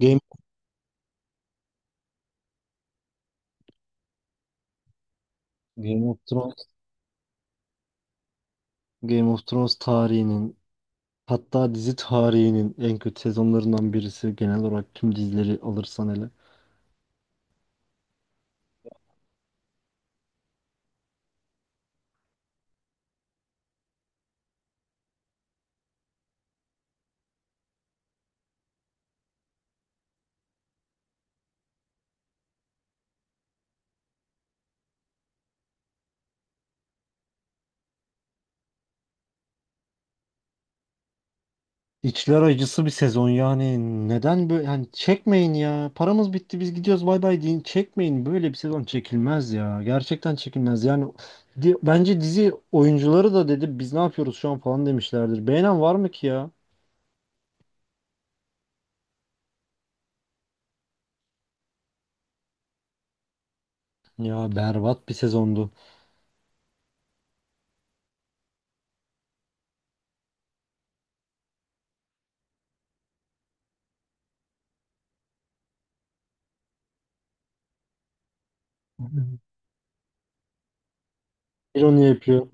Game, Game of Thrones, Game of Thrones tarihinin, hatta dizi tarihinin en kötü sezonlarından birisi, genel olarak tüm dizileri alırsan hele. İçler acısı bir sezon yani, neden böyle yani, çekmeyin ya, paramız bitti biz gidiyoruz bay bay deyin, çekmeyin, böyle bir sezon çekilmez ya, gerçekten çekilmez yani. Bence dizi oyuncuları da dedi biz ne yapıyoruz şu an falan demişlerdir, beğenen var mı ki ya? Ya berbat bir sezondu. Bir onu yapıyor.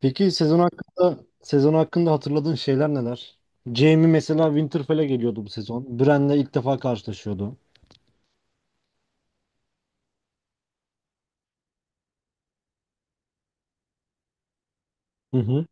Peki sezon hakkında hatırladığın şeyler neler? Jamie mesela Winterfell'e geliyordu bu sezon. Bran'le ilk defa karşılaşıyordu. Hı hı.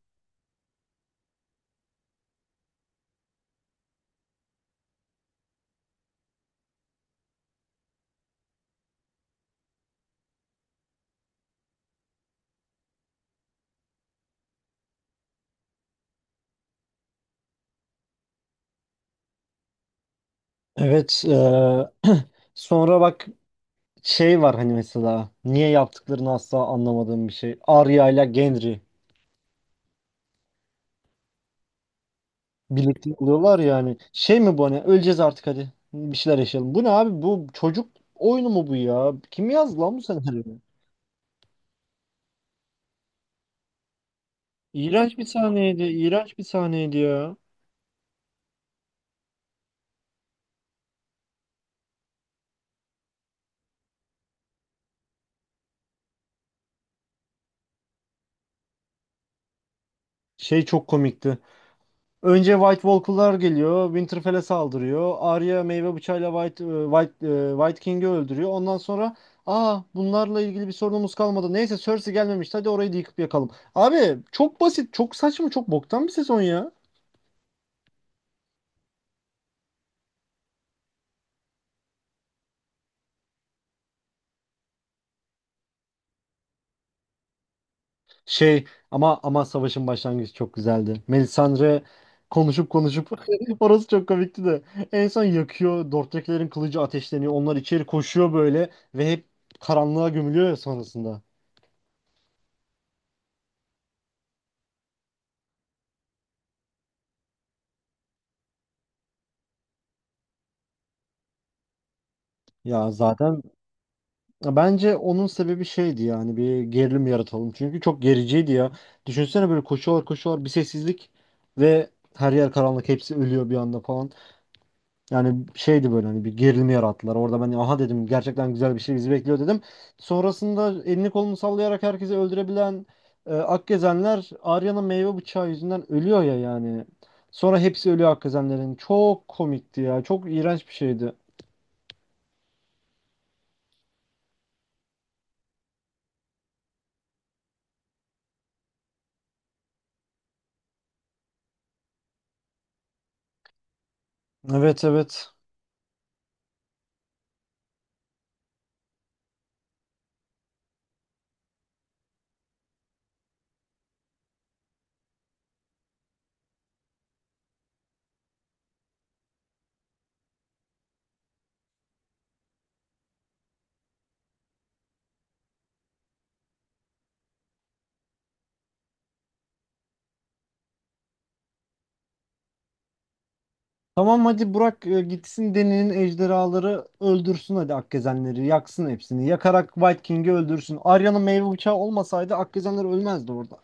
Evet. Sonra bak, şey var hani, mesela niye yaptıklarını asla anlamadığım bir şey. Arya ile Gendry birlikte oluyorlar ya, hani şey mi bu, hani öleceğiz artık hadi bir şeyler yaşayalım. Bu ne abi, bu çocuk oyunu mu bu ya? Kim yazdı lan bu senaryoyu? İğrenç bir sahneydi, iğrenç bir sahneydi ya. Şey çok komikti. Önce White Walker'lar geliyor, Winterfell'e saldırıyor. Arya meyve bıçağıyla White King'i öldürüyor. Ondan sonra, aa, bunlarla ilgili bir sorunumuz kalmadı. Neyse Cersei gelmemişti, hadi orayı da yıkıp yakalım. Abi çok basit, çok saçma, çok boktan bir sezon ya. Şey, ama savaşın başlangıcı çok güzeldi. Melisandre konuşup konuşup orası çok komikti de. En son yakıyor, Dortrekilerin kılıcı ateşleniyor. Onlar içeri koşuyor böyle ve hep karanlığa gömülüyor ya sonrasında. Ya zaten Ya bence onun sebebi şeydi yani, bir gerilim yaratalım. Çünkü çok gericiydi ya. Düşünsene böyle koşuyorlar koşuyorlar, bir sessizlik ve her yer karanlık, hepsi ölüyor bir anda falan. Yani şeydi böyle, hani bir gerilim yarattılar. Orada ben aha dedim, gerçekten güzel bir şey bizi bekliyor dedim. Sonrasında elini kolunu sallayarak herkesi öldürebilen Akgezenler, Arya'nın meyve bıçağı yüzünden ölüyor ya yani. Sonra hepsi ölüyor Akgezenlerin. Çok komikti ya, çok iğrenç bir şeydi. Evet, evet. Tamam, hadi Burak, gitsin Deni'nin ejderhaları öldürsün, hadi Akkezenleri yaksın hepsini. Yakarak White King'i öldürsün. Arya'nın meyve bıçağı olmasaydı Akkezenler ölmezdi orada.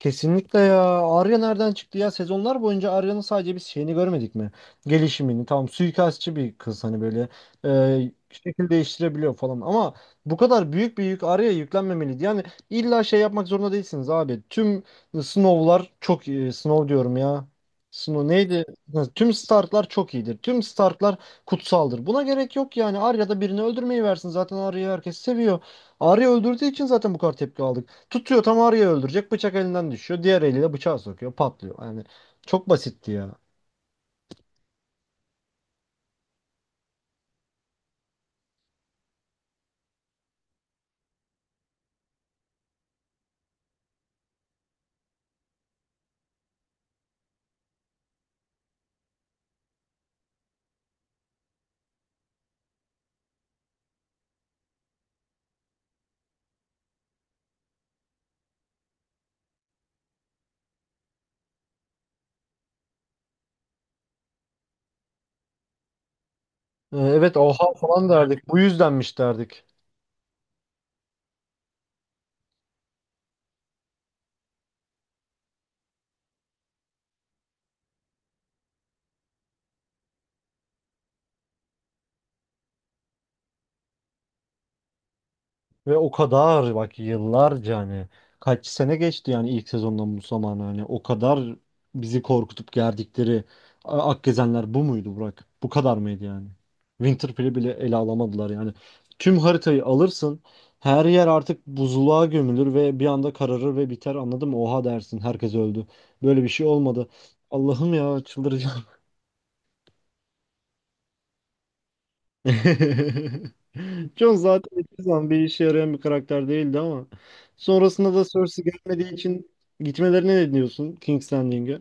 Kesinlikle ya. Arya nereden çıktı ya? Sezonlar boyunca Arya'nın sadece biz şeyini görmedik mi? Gelişimini. Tamam, suikastçı bir kız hani böyle şekil değiştirebiliyor falan. Ama bu kadar büyük bir yük Arya'ya yüklenmemeliydi. Yani illa şey yapmak zorunda değilsiniz abi. Tüm Snow'lar çok iyi. Snow diyorum ya, Snow neydi? Ha, tüm Stark'lar çok iyidir. Tüm Stark'lar kutsaldır. Buna gerek yok yani. Arya da birini öldürmeyi versin, zaten Arya'yı herkes seviyor. Arya öldürdüğü için zaten bu kadar tepki aldı. Tutuyor, tam arıyı öldürecek, bıçak elinden düşüyor, diğer eliyle bıçağı sokuyor, patlıyor. Yani çok basitti ya. Evet, oha falan derdik, bu yüzdenmiş derdik. Ve o kadar bak, yıllarca, hani kaç sene geçti yani ilk sezondan bu zamana, hani o kadar bizi korkutup gerdikleri Akgezenler bu muydu Burak? Bu kadar mıydı yani? Winterfell'i bile ele alamadılar yani. Tüm haritayı alırsın, her yer artık buzluğa gömülür ve bir anda kararır ve biter, anladın mı? Oha dersin, herkes öldü. Böyle bir şey olmadı. Allah'ım ya, çıldıracağım. John zaten hiçbir zaman bir işe yarayan bir karakter değildi, ama sonrasında da Cersei gelmediği için gitmelerine ne diyorsun King's Landing'e?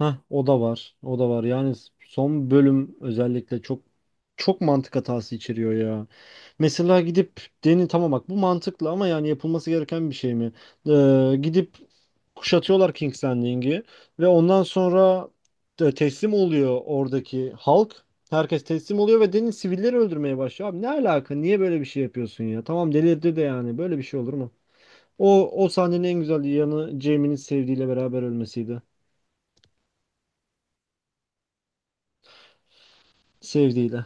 Heh, o da var, o da var. Yani son bölüm özellikle çok çok mantık hatası içeriyor ya. Mesela gidip, Deni, tamam bak bu mantıklı, ama yani yapılması gereken bir şey mi? Gidip kuşatıyorlar King's Landing'i ve ondan sonra teslim oluyor oradaki halk. Herkes teslim oluyor ve Deni sivilleri öldürmeye başlıyor. Abi ne alaka? Niye böyle bir şey yapıyorsun ya? Tamam, delirdi de yani, böyle bir şey olur mu? O sahnenin en güzel yanı Jaime'nin sevdiğiyle beraber ölmesiydi. Sevdiğiyle.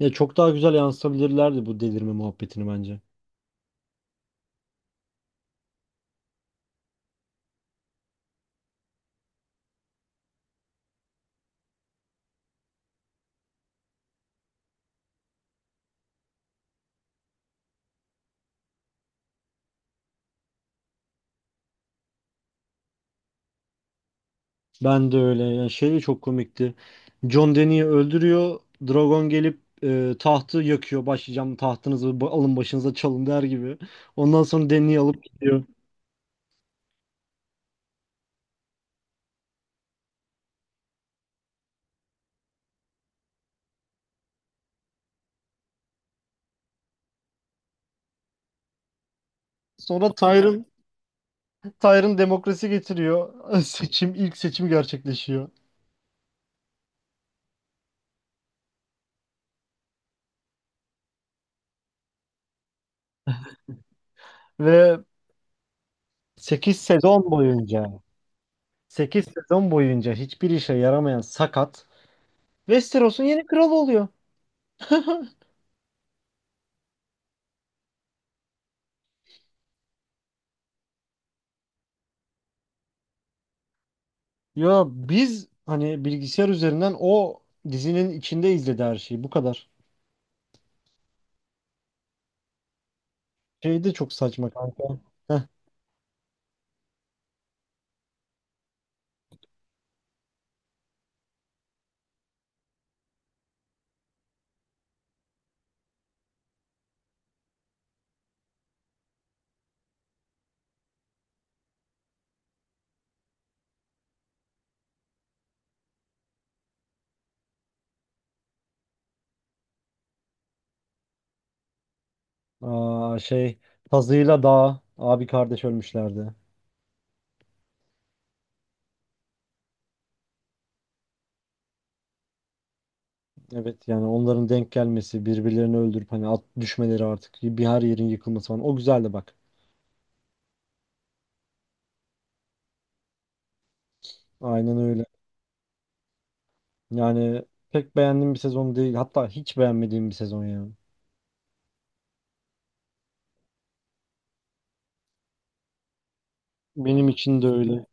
Ya çok daha güzel yansıtabilirlerdi bu delirme muhabbetini bence. Ben de öyle. Yani şey de çok komikti. Jon Deni'yi öldürüyor, dragon gelip tahtı yakıyor. Başlayacağım, tahtınızı alın başınıza çalın der gibi. Ondan sonra Deni'yi alıp gidiyor. Sonra Tyrion demokrasi getiriyor. Seçim, ilk seçim gerçekleşiyor. Ve 8 sezon boyunca 8 sezon boyunca hiçbir işe yaramayan sakat Westeros'un yeni kralı oluyor. Ya biz hani bilgisayar üzerinden o dizinin içinde izledi her şeyi. Bu kadar. Şey de çok saçma kanka. Heh. Aa, şey, Tazı'yla Dağ abi kardeş ölmüşlerdi. Evet yani, onların denk gelmesi, birbirlerini öldürüp hani at düşmeleri, artık bir her yerin yıkılması falan. O güzeldi bak. Aynen öyle. Yani pek beğendiğim bir sezon değil, hatta hiç beğenmediğim bir sezon ya. Benim için de öyle.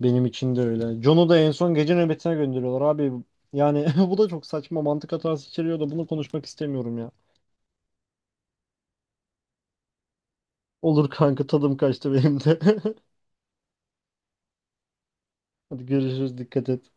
Benim için de öyle. John'u da en son gece nöbetine gönderiyorlar abi. Yani bu da çok saçma, mantık hatası içeriyor da bunu konuşmak istemiyorum ya. Olur kanka, tadım kaçtı benim de. Hadi görüşürüz, dikkat et.